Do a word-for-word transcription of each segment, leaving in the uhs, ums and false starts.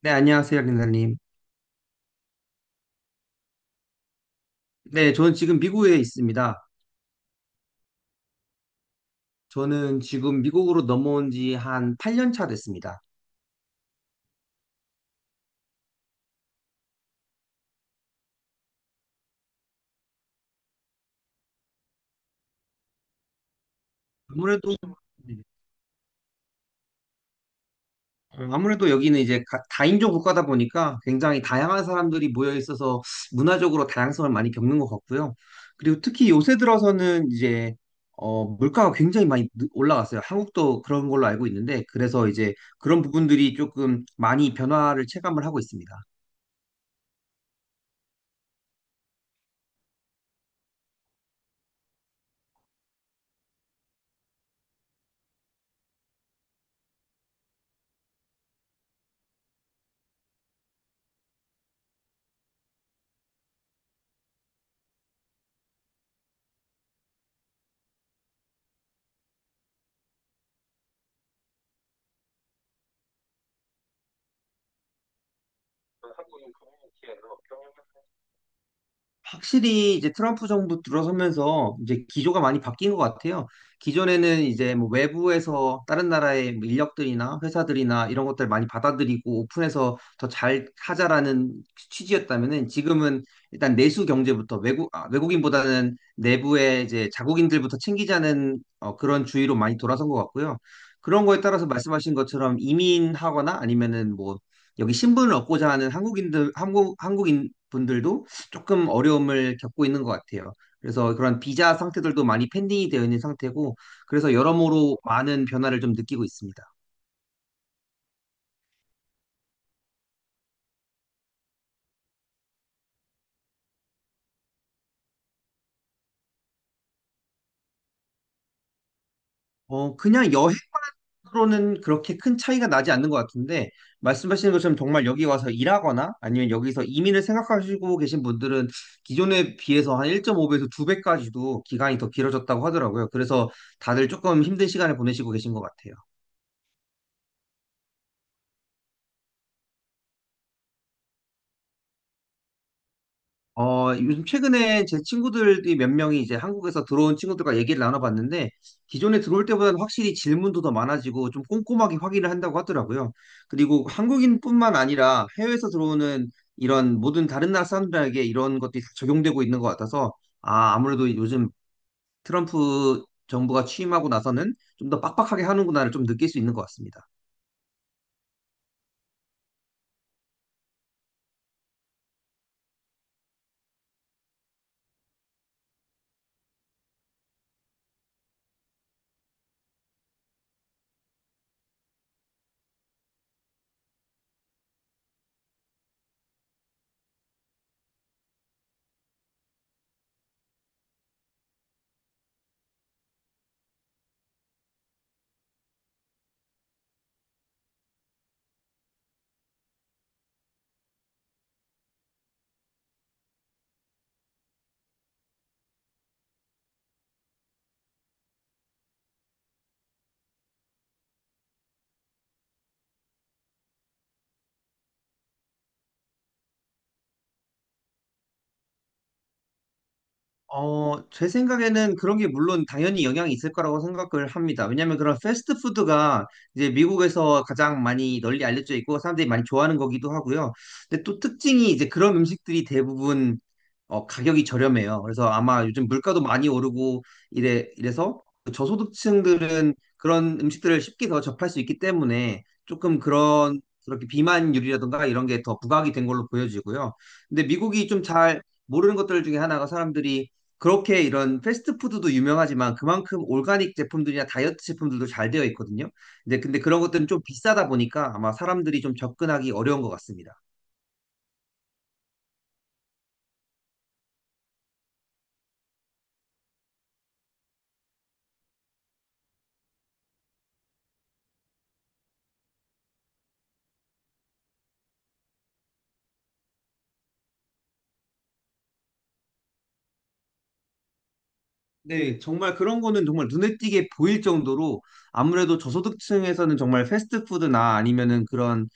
네, 안녕하세요, 린사님. 네, 저는 지금 미국에 있습니다. 저는 지금 미국으로 넘어온 지 한 팔 년 차 됐습니다. 아무래도, 네. 어, 아무래도 여기는 이제 가- 다인종 국가다 보니까 굉장히 다양한 사람들이 모여 있어서 문화적으로 다양성을 많이 겪는 것 같고요. 그리고 특히 요새 들어서는 이제, 어, 물가가 굉장히 많이 느- 올라갔어요. 한국도 그런 걸로 알고 있는데, 그래서 이제 그런 부분들이 조금 많이 변화를 체감을 하고 있습니다. 확실히 이제 트럼프 정부 들어서면서 이제 기조가 많이 바뀐 것 같아요. 기존에는 이제 뭐 외부에서 다른 나라의 뭐 인력들이나 회사들이나 이런 것들 많이 받아들이고 오픈해서 더 잘 하자라는 취지였다면은 지금은 일단 내수 경제부터 외국, 아, 외국인보다는 내부의 이제 자국인들부터 챙기자는 어, 그런 주의로 많이 돌아선 것 같고요. 그런 거에 따라서 말씀하신 것처럼 이민하거나 아니면은 뭐 여기 신분을 얻고자 하는 한국인들, 한국, 한국인 분들도 조금 어려움을 겪고 있는 것 같아요. 그래서 그런 비자 상태들도 많이 pending이 되어 있는 상태고, 그래서 여러모로 많은 변화를 좀 느끼고 있습니다. 어, 그냥 여행으로는 그렇게 큰 차이가 나지 않는 것 같은데, 말씀하시는 것처럼 정말 여기 와서 일하거나 아니면 여기서 이민을 생각하시고 계신 분들은 기존에 비해서 한 일 점 오 배에서 두 배까지도 기간이 더 길어졌다고 하더라고요. 그래서 다들 조금 힘든 시간을 보내시고 계신 것 같아요. 어, 요즘 최근에 제 친구들이 몇 명이 이제 한국에서 들어온 친구들과 얘기를 나눠봤는데, 기존에 들어올 때보다는 확실히 질문도 더 많아지고 좀 꼼꼼하게 확인을 한다고 하더라고요. 그리고 한국인뿐만 아니라 해외에서 들어오는 이런 모든 다른 나라 사람들에게 이런 것들이 다 적용되고 있는 것 같아서, 아, 아무래도 요즘 트럼프 정부가 취임하고 나서는 좀 더 빡빡하게 하는구나를 좀 느낄 수 있는 것 같습니다. 어, 제 생각에는 그런 게 물론 당연히 영향이 있을 거라고 생각을 합니다. 왜냐하면 그런 패스트푸드가 이제 미국에서 가장 많이 널리 알려져 있고 사람들이 많이 좋아하는 거기도 하고요. 근데 또 특징이 이제 그런 음식들이 대부분 어, 가격이 저렴해요. 그래서 아마 요즘 물가도 많이 오르고 이래, 이래서 그 저소득층들은 그런 음식들을 쉽게 더 접할 수 있기 때문에 조금 그런 그렇게 비만율이라든가 이런 게 더 부각이 된 걸로 보여지고요. 근데 미국이 좀 잘 모르는 것들 중에 하나가 사람들이 그렇게 이런 패스트푸드도 유명하지만 그만큼 올가닉 제품들이나 다이어트 제품들도 잘 되어 있거든요. 근데 근데 그런 것들은 좀 비싸다 보니까 아마 사람들이 좀 접근하기 어려운 것 같습니다. 네, 정말 그런 거는 정말 눈에 띄게 보일 정도로 아무래도 저소득층에서는 정말 패스트푸드나 아니면은 그런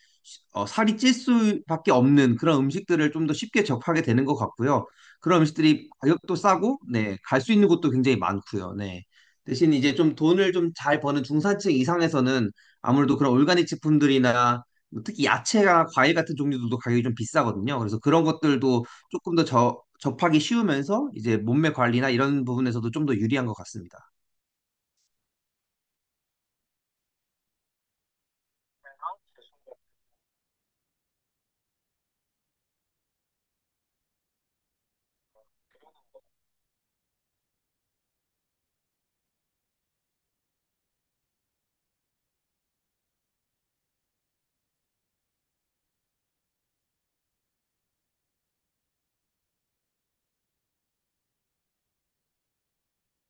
어, 살이 찔 수밖에 없는 그런 음식들을 좀 더 쉽게 접하게 되는 것 같고요. 그런 음식들이 가격도 싸고, 네, 갈 수 있는 곳도 굉장히 많고요. 네. 대신 이제 좀 돈을 좀 잘 버는 중산층 이상에서는 아무래도 그런 올가닉 제품들이나 뭐 특히 야채나 과일 같은 종류들도 가격이 좀 비싸거든요. 그래서 그런 것들도 조금 더 저, 접하기 쉬우면서 이제 몸매 관리나 이런 부분에서도 좀 더 유리한 것 같습니다.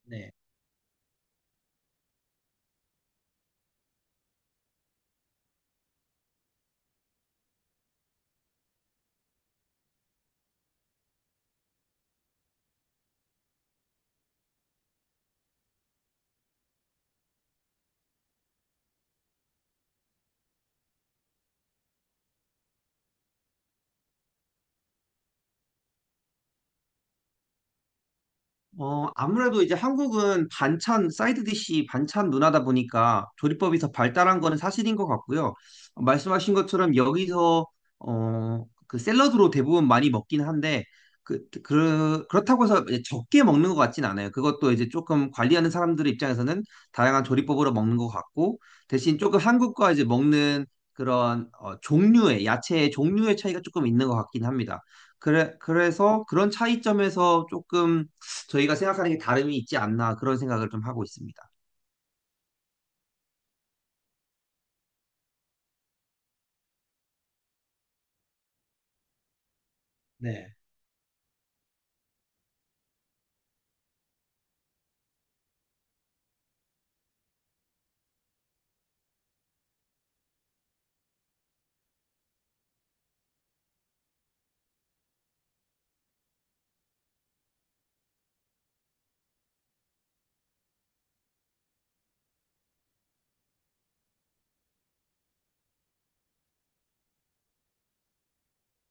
네. 어, 아무래도 이제 한국은 반찬, 사이드 디시 반찬 문화다 보니까 조리법이 더 발달한 거는 사실인 것 같고요. 어, 말씀하신 것처럼 여기서, 어, 그 샐러드로 대부분 많이 먹긴 한데, 그, 그, 그렇다고 해서 이제 적게 먹는 것 같진 않아요. 그것도 이제 조금 관리하는 사람들의 입장에서는 다양한 조리법으로 먹는 것 같고, 대신 조금 한국과 이제 먹는 그런 어, 종류의, 야채의 종류의 차이가 조금 있는 것 같긴 합니다. 그래, 그래서 그런 차이점에서 조금 저희가 생각하는 게 다름이 있지 않나 그런 생각을 좀 하고 있습니다. 네.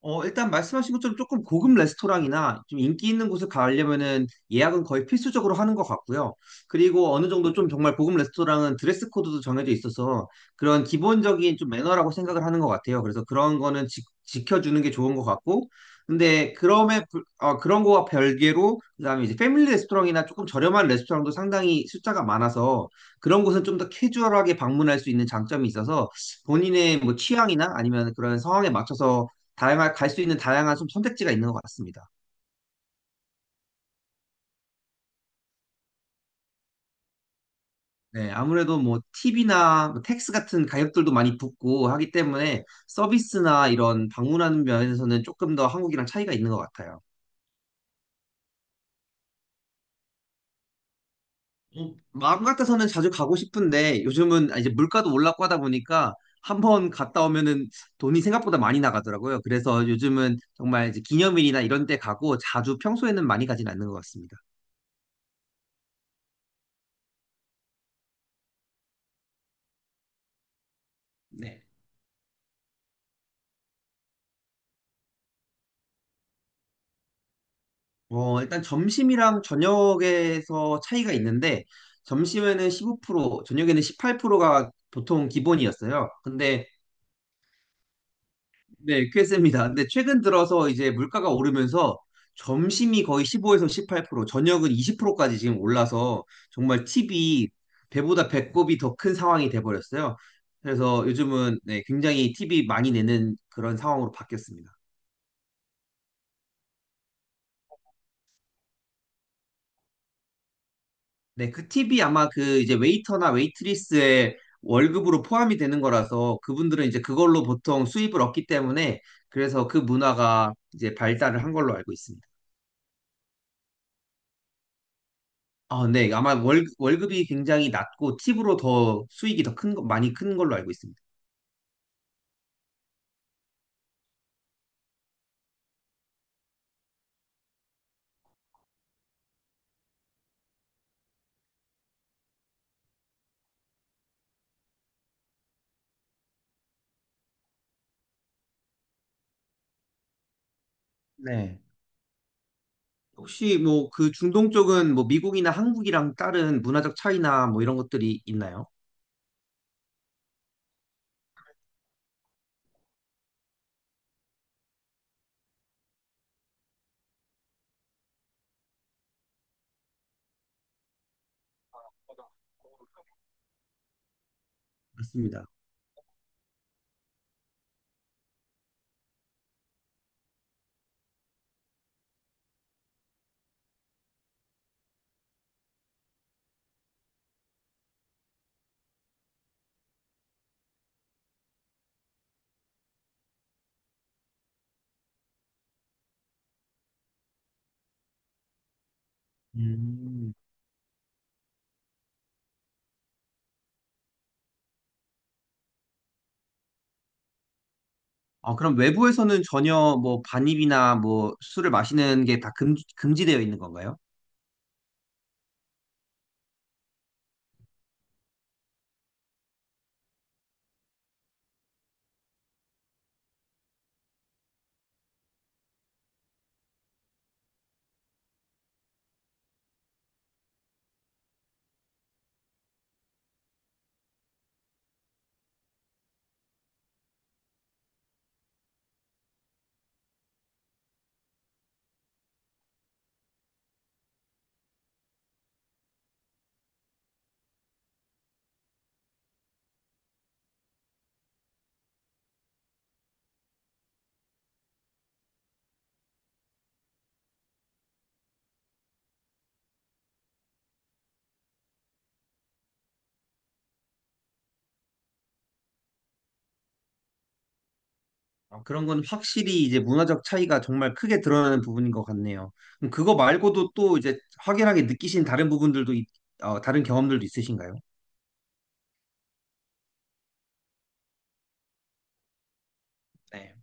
어, 일단 말씀하신 것처럼 조금 고급 레스토랑이나 좀 인기 있는 곳을 가려면은 예약은 거의 필수적으로 하는 것 같고요. 그리고 어느 정도 좀 정말 고급 레스토랑은 드레스 코드도 정해져 있어서 그런 기본적인 좀 매너라고 생각을 하는 것 같아요. 그래서 그런 거는 지, 지켜주는 게 좋은 것 같고. 근데 그럼에, 불- 어, 그런 거와 별개로 그다음에 이제 패밀리 레스토랑이나 조금 저렴한 레스토랑도 상당히 숫자가 많아서 그런 곳은 좀 더 캐주얼하게 방문할 수 있는 장점이 있어서 본인의 뭐 취향이나 아니면 그런 상황에 맞춰서 다양한 갈 수 있는 다양한 좀 선택지가 있는 것 같습니다. 네, 아무래도 뭐 팁이나 뭐 텍스 같은 가격들도 많이 붙고 하기 때문에 서비스나 이런 방문하는 면에서는 조금 더 한국이랑 차이가 있는 것 같아요. 어, 마음 같아서는 자주 가고 싶은데 요즘은 이제 물가도 올랐고 하다 보니까 한 번 갔다 오면은 돈이 생각보다 많이 나가더라고요. 그래서 요즘은 정말 이제 기념일이나 이런 때 가고 자주 평소에는 많이 가진 않는 것 같습니다. 네. 어, 일단 점심이랑 저녁에서 차이가 있는데, 점심에는 십오 퍼센트, 저녁에는 십팔 퍼센트가 보통 기본이었어요. 근데, 네, 꽤 셉니다. 근데 최근 들어서 이제 물가가 오르면서 점심이 거의 십오에서 십팔 퍼센트, 저녁은 이십 퍼센트까지 지금 올라서 정말 팁이 배보다 배꼽이 더 큰 상황이 돼버렸어요. 그래서 요즘은 네, 굉장히 팁이 많이 내는 그런 상황으로 바뀌었습니다. 네, 그 팁이 아마 그 이제 웨이터나 웨이트리스의 월급으로 포함이 되는 거라서 그분들은 이제 그걸로 보통 수입을 얻기 때문에 그래서 그 문화가 이제 발달을 한 걸로 알고 있습니다. 아, 네. 아마 월, 월급이 굉장히 낮고 팁으로 더 수익이 더 큰, 거- 많이 큰 걸로 알고 있습니다. 네. 혹시 뭐 그 중동 쪽은 뭐 미국이나 한국이랑 다른 문화적 차이나 뭐 이런 것들이 있나요? 맞습니다. 음. 어, 그럼 외부에서는 전혀 뭐 반입이나 뭐 술을 마시는 게 다 금, 금지되어 있는 건가요? 어, 그런 건 확실히 이제 문화적 차이가 정말 크게 드러나는 부분인 것 같네요. 그럼 그거 말고도 또 이제 확연하게 느끼신 다른 부분들도, 있- 어, 다른 경험들도 있으신가요? 네.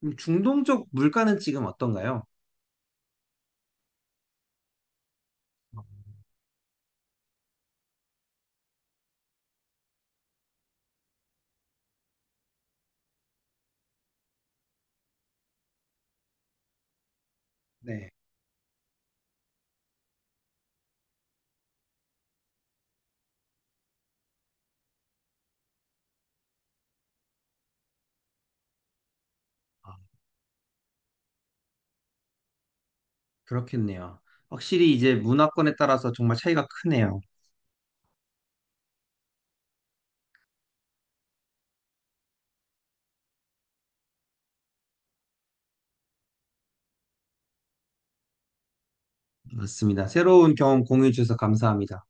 그럼 중동적 물가는 지금 어떤가요? 네. 아, 그렇겠네요. 확실히 이제 문화권에 따라서 정말 차이가 크네요. 맞습니다. 새로운 경험 공유해 주셔서 감사합니다.